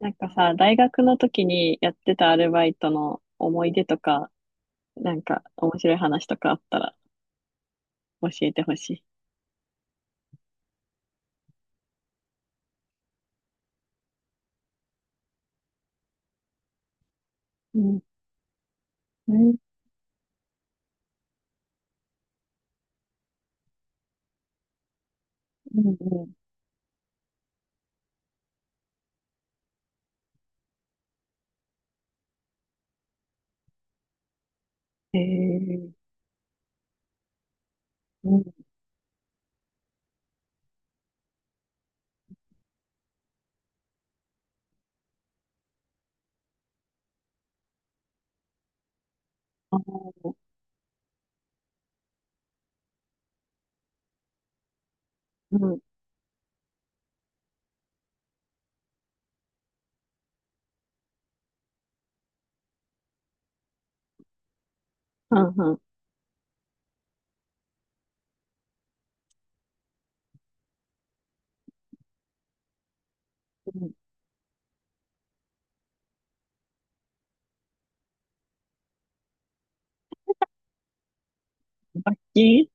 なんかさ、大学の時にやってたアルバイトの思い出とか、なんか面白い話とかあったら教えてほしい。うん、うん、うん、うん。えー、うん、あー、うん、うん、うん、うん。罰金。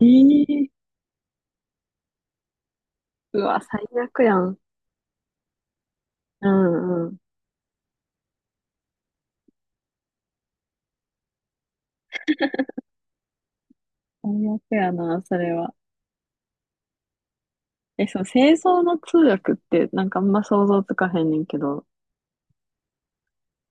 えー、うわ、最悪やん。うん、うん。最悪やな、それは。え、そう、製造の通訳って、なんかあんま想像つかへんねんけど、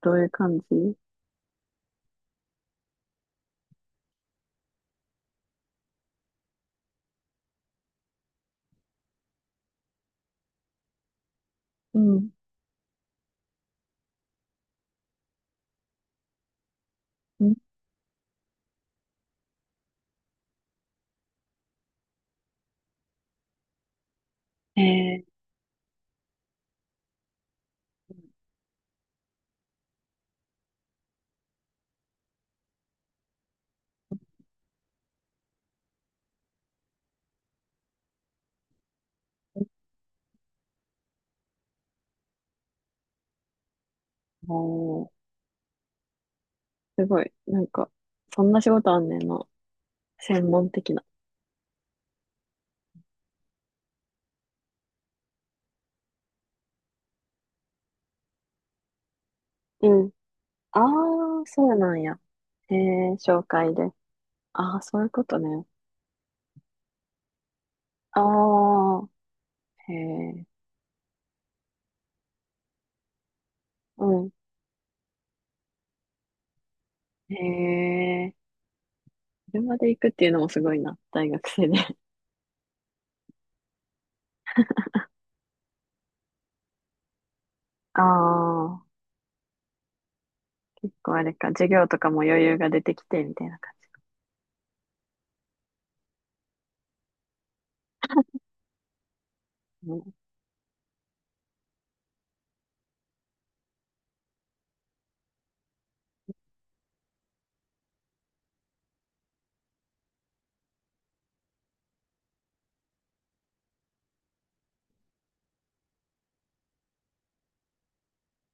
どういう感じ？うん、うん。えー、お、すごい。なんか、そんな仕事あんねんな。専門的な。うん。ああ、そうなんや。へえ、紹介で。ああ、そういうことね。ああ、へえ、うん。へえ、車で行くっていうのもすごいな。大学生で。ああ、結構あれか。授業とかも余裕が出てきて、みたいな感じ。う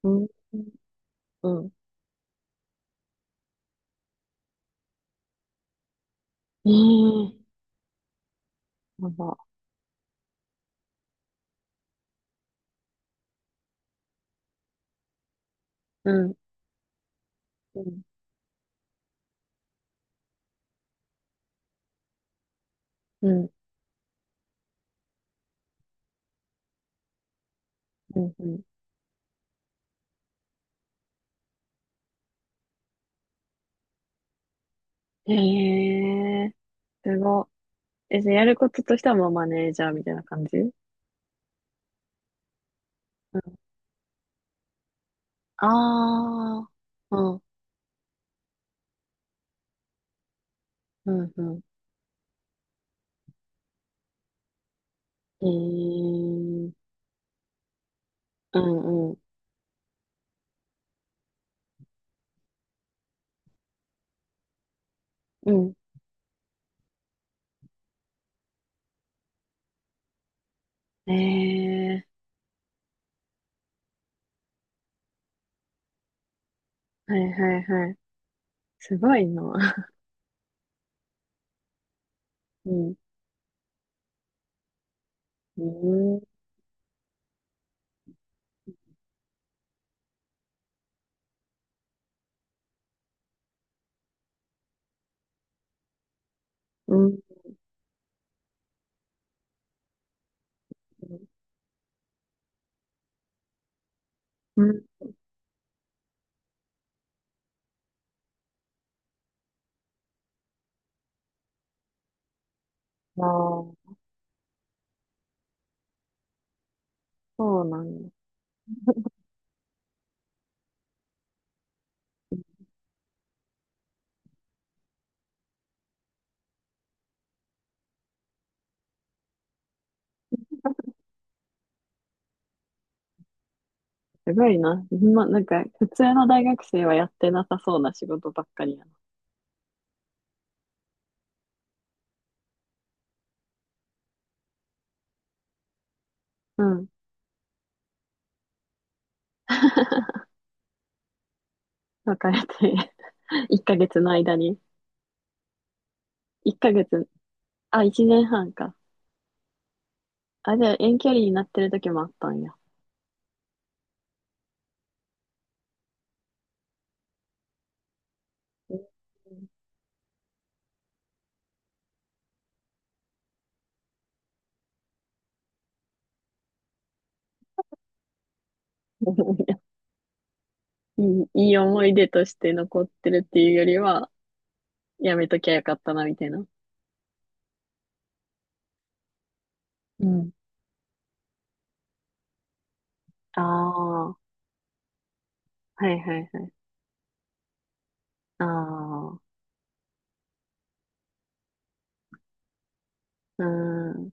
ん。うん。うん。ええ、やば。うん。うん。うん。うん。うん、へえ、すご。え、じゃあやることとしてはもうマネージャーみたいな感じ？うん。ああ、うん、うん、うん。えー、うん、うん、うん。えー、はいはいはい。すごいな。うん、うん、うん、うん。ああ、そうなんだ。すごいな。ま、なんか、普通の大学生はやってなさそうな仕事ばっかりやな。うん。別れて、1ヶ月の間に？1ヶ月、あ、1年半か。あ、じゃあ遠距離になってる時もあったんや。うん。 いい思い出として残ってるっていうよりは、やめときゃよかったな、みたいな。うん。ああ、はいはいはい。ああ、うん、う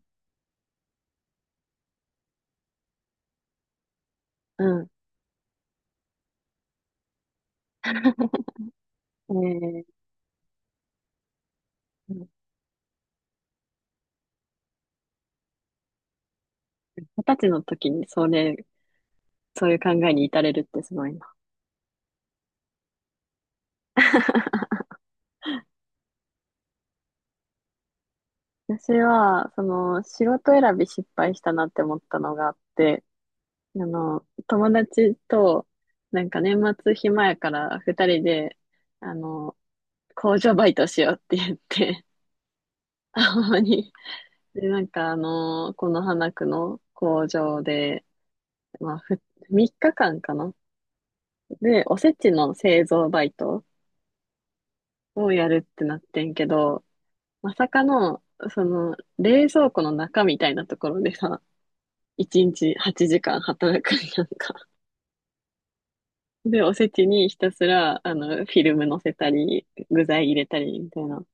ん。えー、うん。二十歳の時にそれ、そういう考えに至れるってすごいな。私は、仕事選び失敗したなって思ったのがあって、友達と、なんか年末暇やから二人で、あの、工場バイトしようって言って、青森に。で、なんかこの花区の工場で、まあ、3日間かんかな。で、おせちの製造バイトをやるってなってんけど、まさかの、冷蔵庫の中みたいなところでさ、1日8時間働くんやんか。で、おせちにひたすら、フィルム乗せたり、具材入れたりみたいな。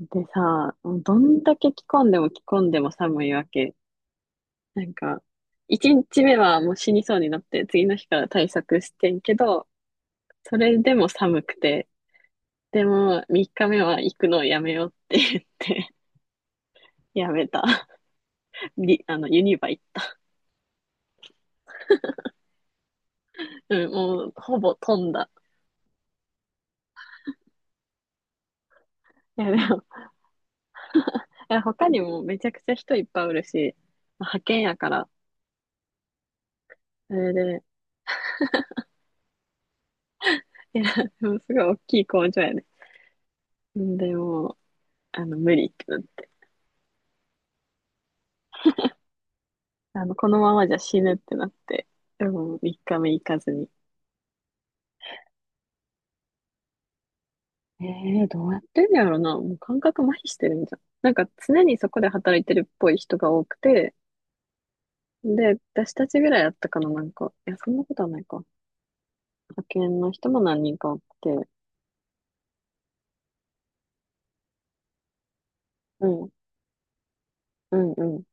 でさ、どんだけ着込んでも着込んでも寒いわけ。なんか、一日目はもう死にそうになって、次の日から対策してんけど、それでも寒くて、でも三日目は行くのをやめようって言って、やめた。ユニバ行った。うん、もうほぼ飛んだ。いや、でも、いや他にもめちゃくちゃ人いっぱいおるし、派遣やから、それで、いや、でもすごい大きい工場やね。うん。でも、無理ってなって、このままじゃ死ぬってなって、でも3日目行かずに。ええー、どうやってんのやろな。もう感覚麻痺してるんじゃん。なんか常にそこで働いてるっぽい人が多くて、で、私たちぐらいあったかな、なんか。いや、そんなことはないか。派遣の人も何人か多くて。うん、うん、うん。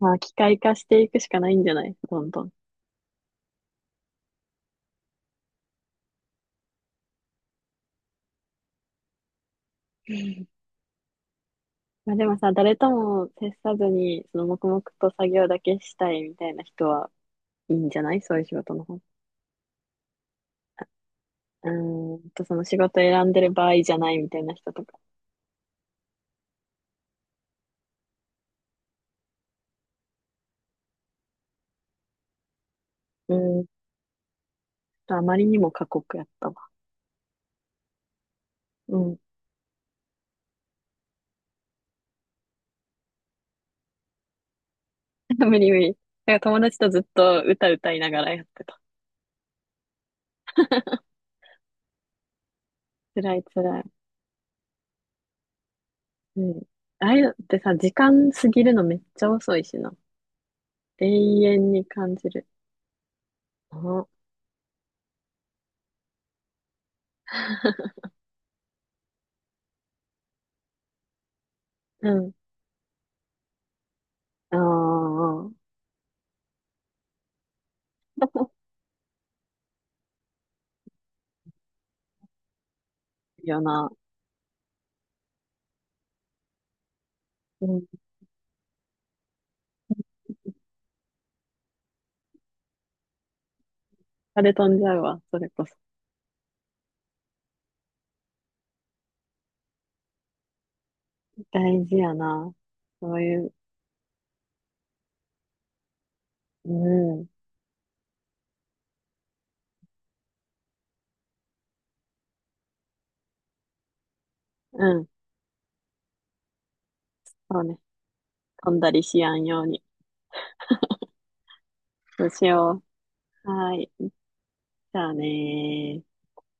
まあ、機械化していくしかないんじゃない？どんどん。まあでもさ、誰とも接さずに、その黙々と作業だけしたいみたいな人はいいんじゃない？そういう仕事の方。うーんと、その仕事選んでる場合じゃないみたいな人とか。うーんと、あまりにも過酷やった。うん。無理無理。だから友達とずっと歌歌いながらやってた。辛い辛い。うん。ああいうのってさ、時間過ぎるのめっちゃ遅いしな。永遠に感じる。あ。 うん。ああ。いいよな。うん。あれ飛んじゃうわ、それこそ。大事やな。そういう、うん。うん。そうね。飛んだりしやんように。そうしよう。はい。じゃあねー。